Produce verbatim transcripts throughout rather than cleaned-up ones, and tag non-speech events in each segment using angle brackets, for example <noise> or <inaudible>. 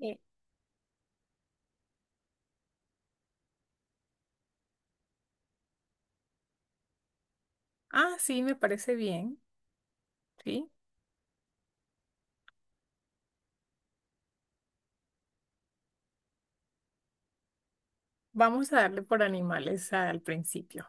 Eh, ah, sí, me parece bien. Sí, vamos a darle por animales al principio.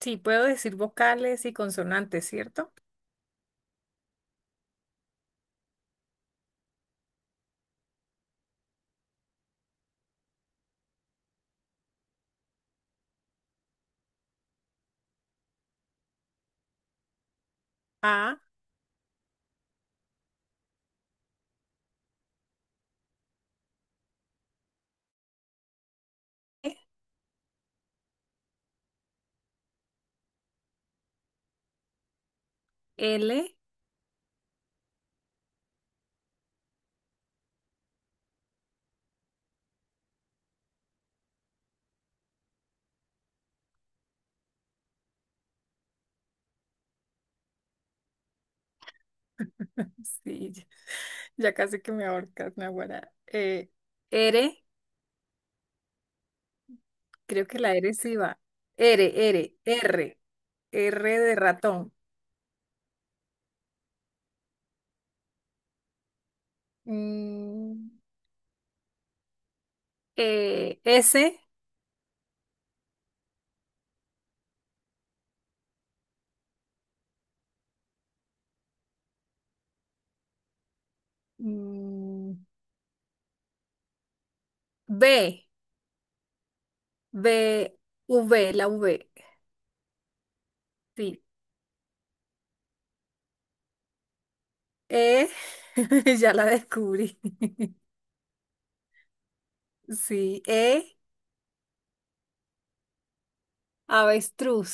Sí, puedo decir vocales y consonantes, ¿cierto? A, E, L, <laughs> sí, ya ya casi que me ahorcas, Naguará. Eh, R. Creo que la R sí va. R, R, R. R de ratón. Mm, eh, S. mm, B. B. V, la V. Sí. E. <laughs> Ya la descubrí. <laughs> Sí. E. Avestruz.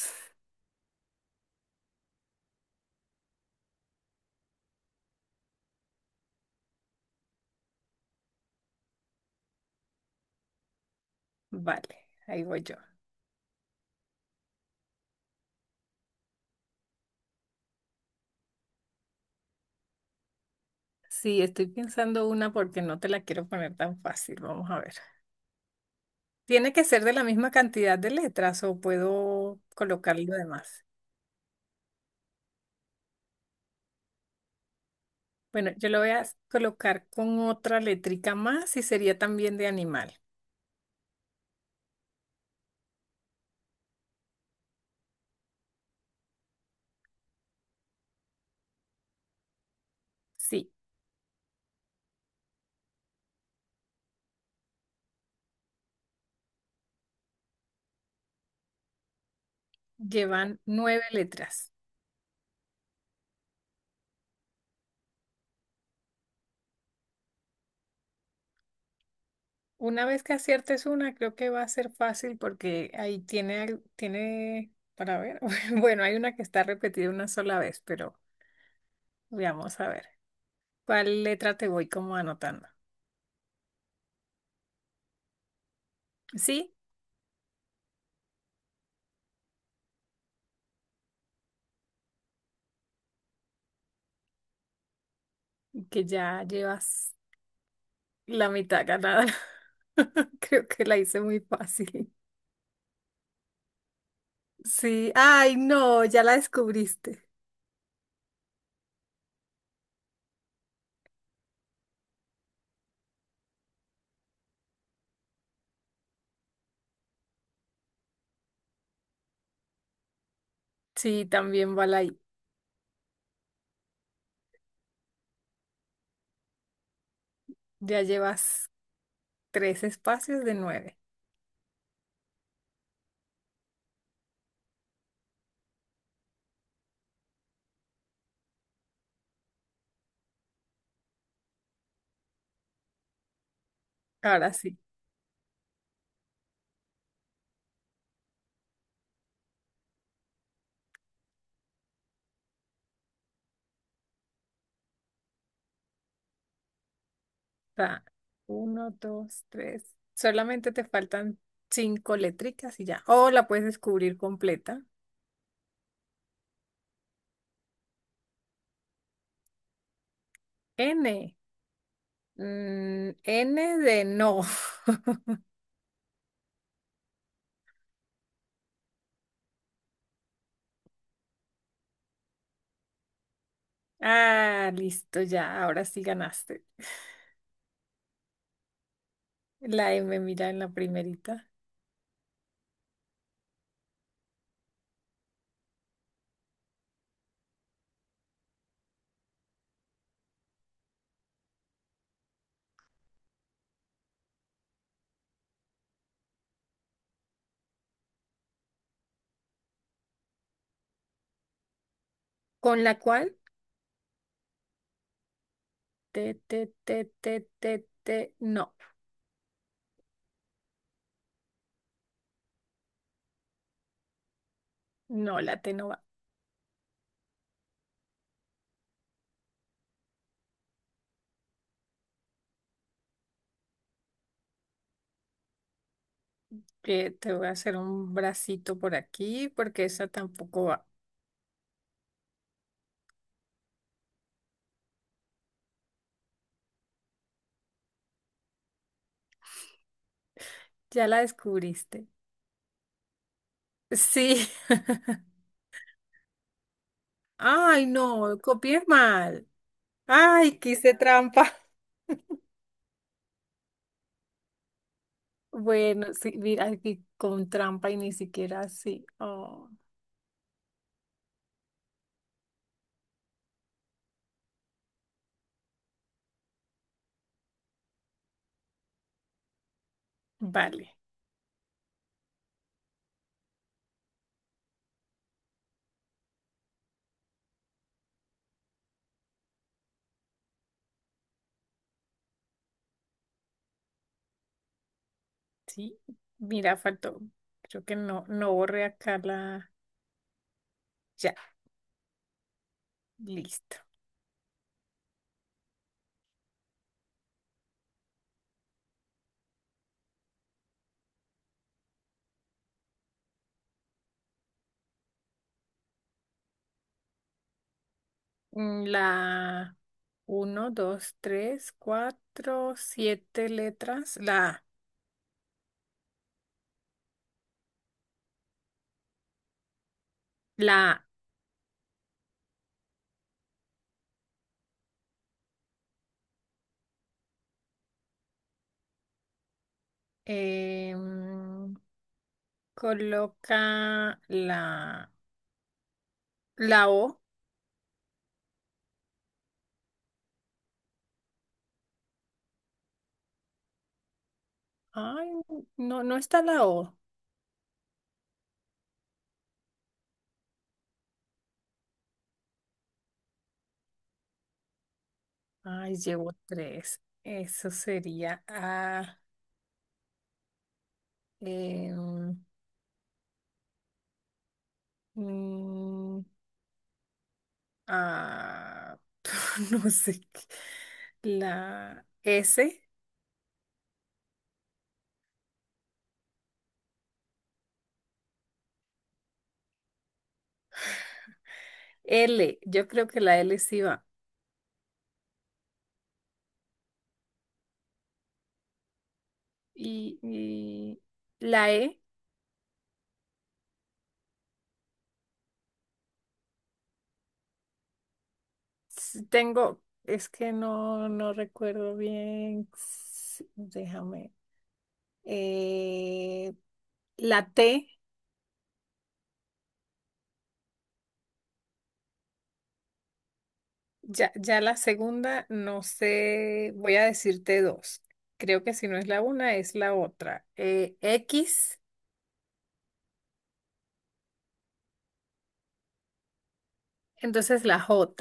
Vale, ahí voy yo. Sí, estoy pensando una porque no te la quiero poner tan fácil. Vamos a ver. ¿Tiene que ser de la misma cantidad de letras o puedo colocar lo demás? Bueno, yo lo voy a colocar con otra letrica más y sería también de animal. Sí, llevan nueve letras. Una vez que aciertes una, creo que va a ser fácil porque ahí tiene, al- tiene, para ver, <laughs> bueno, hay una que está repetida una sola vez, pero veamos a ver. ¿Cuál letra te voy como anotando? Sí, que ya llevas la mitad ganada. <laughs> Creo que la hice muy fácil. Sí, ay, no, ya la descubriste. Sí, también va la I. Ya llevas tres espacios de nueve. Ahora sí, está uno, dos, tres. Solamente te faltan cinco letricas y ya. O la puedes descubrir completa. N. Mm, N de no. <laughs> Ah, listo, ya. Ahora sí ganaste. La M, mira en la primerita. Con la cual, te, te, te, te, te, te, no. No, la T no va. Eh, te voy a hacer un bracito por aquí porque esa tampoco va. Ya la descubriste. Sí. <laughs> Ay, no, copié mal. Ay, quise trampa. <laughs> Bueno, sí, mira, aquí con trampa y ni siquiera así. Oh, vale, sí. Mira, faltó. Creo que no, no borré acá la. Ya, listo. Mm, La uno, dos, tres, cuatro, siete letras. La, A. La, A. Em, coloca la, la O. Ay, no, no está la O. Ay, llevo tres. Eso sería A. em, mm, A. <laughs> No sé qué. La S. L. Yo creo que la L sí va. Y, y la E. s- Tengo. Es que no, no recuerdo bien. S- Déjame. Eh, la T. Ya, ya la segunda, no sé, voy a decirte dos. Creo que si no es la una, es la otra. Eh, X, entonces la J.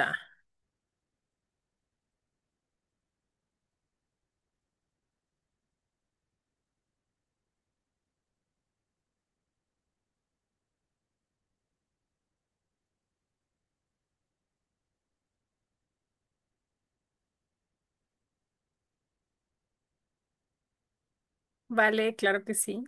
Vale, claro que sí.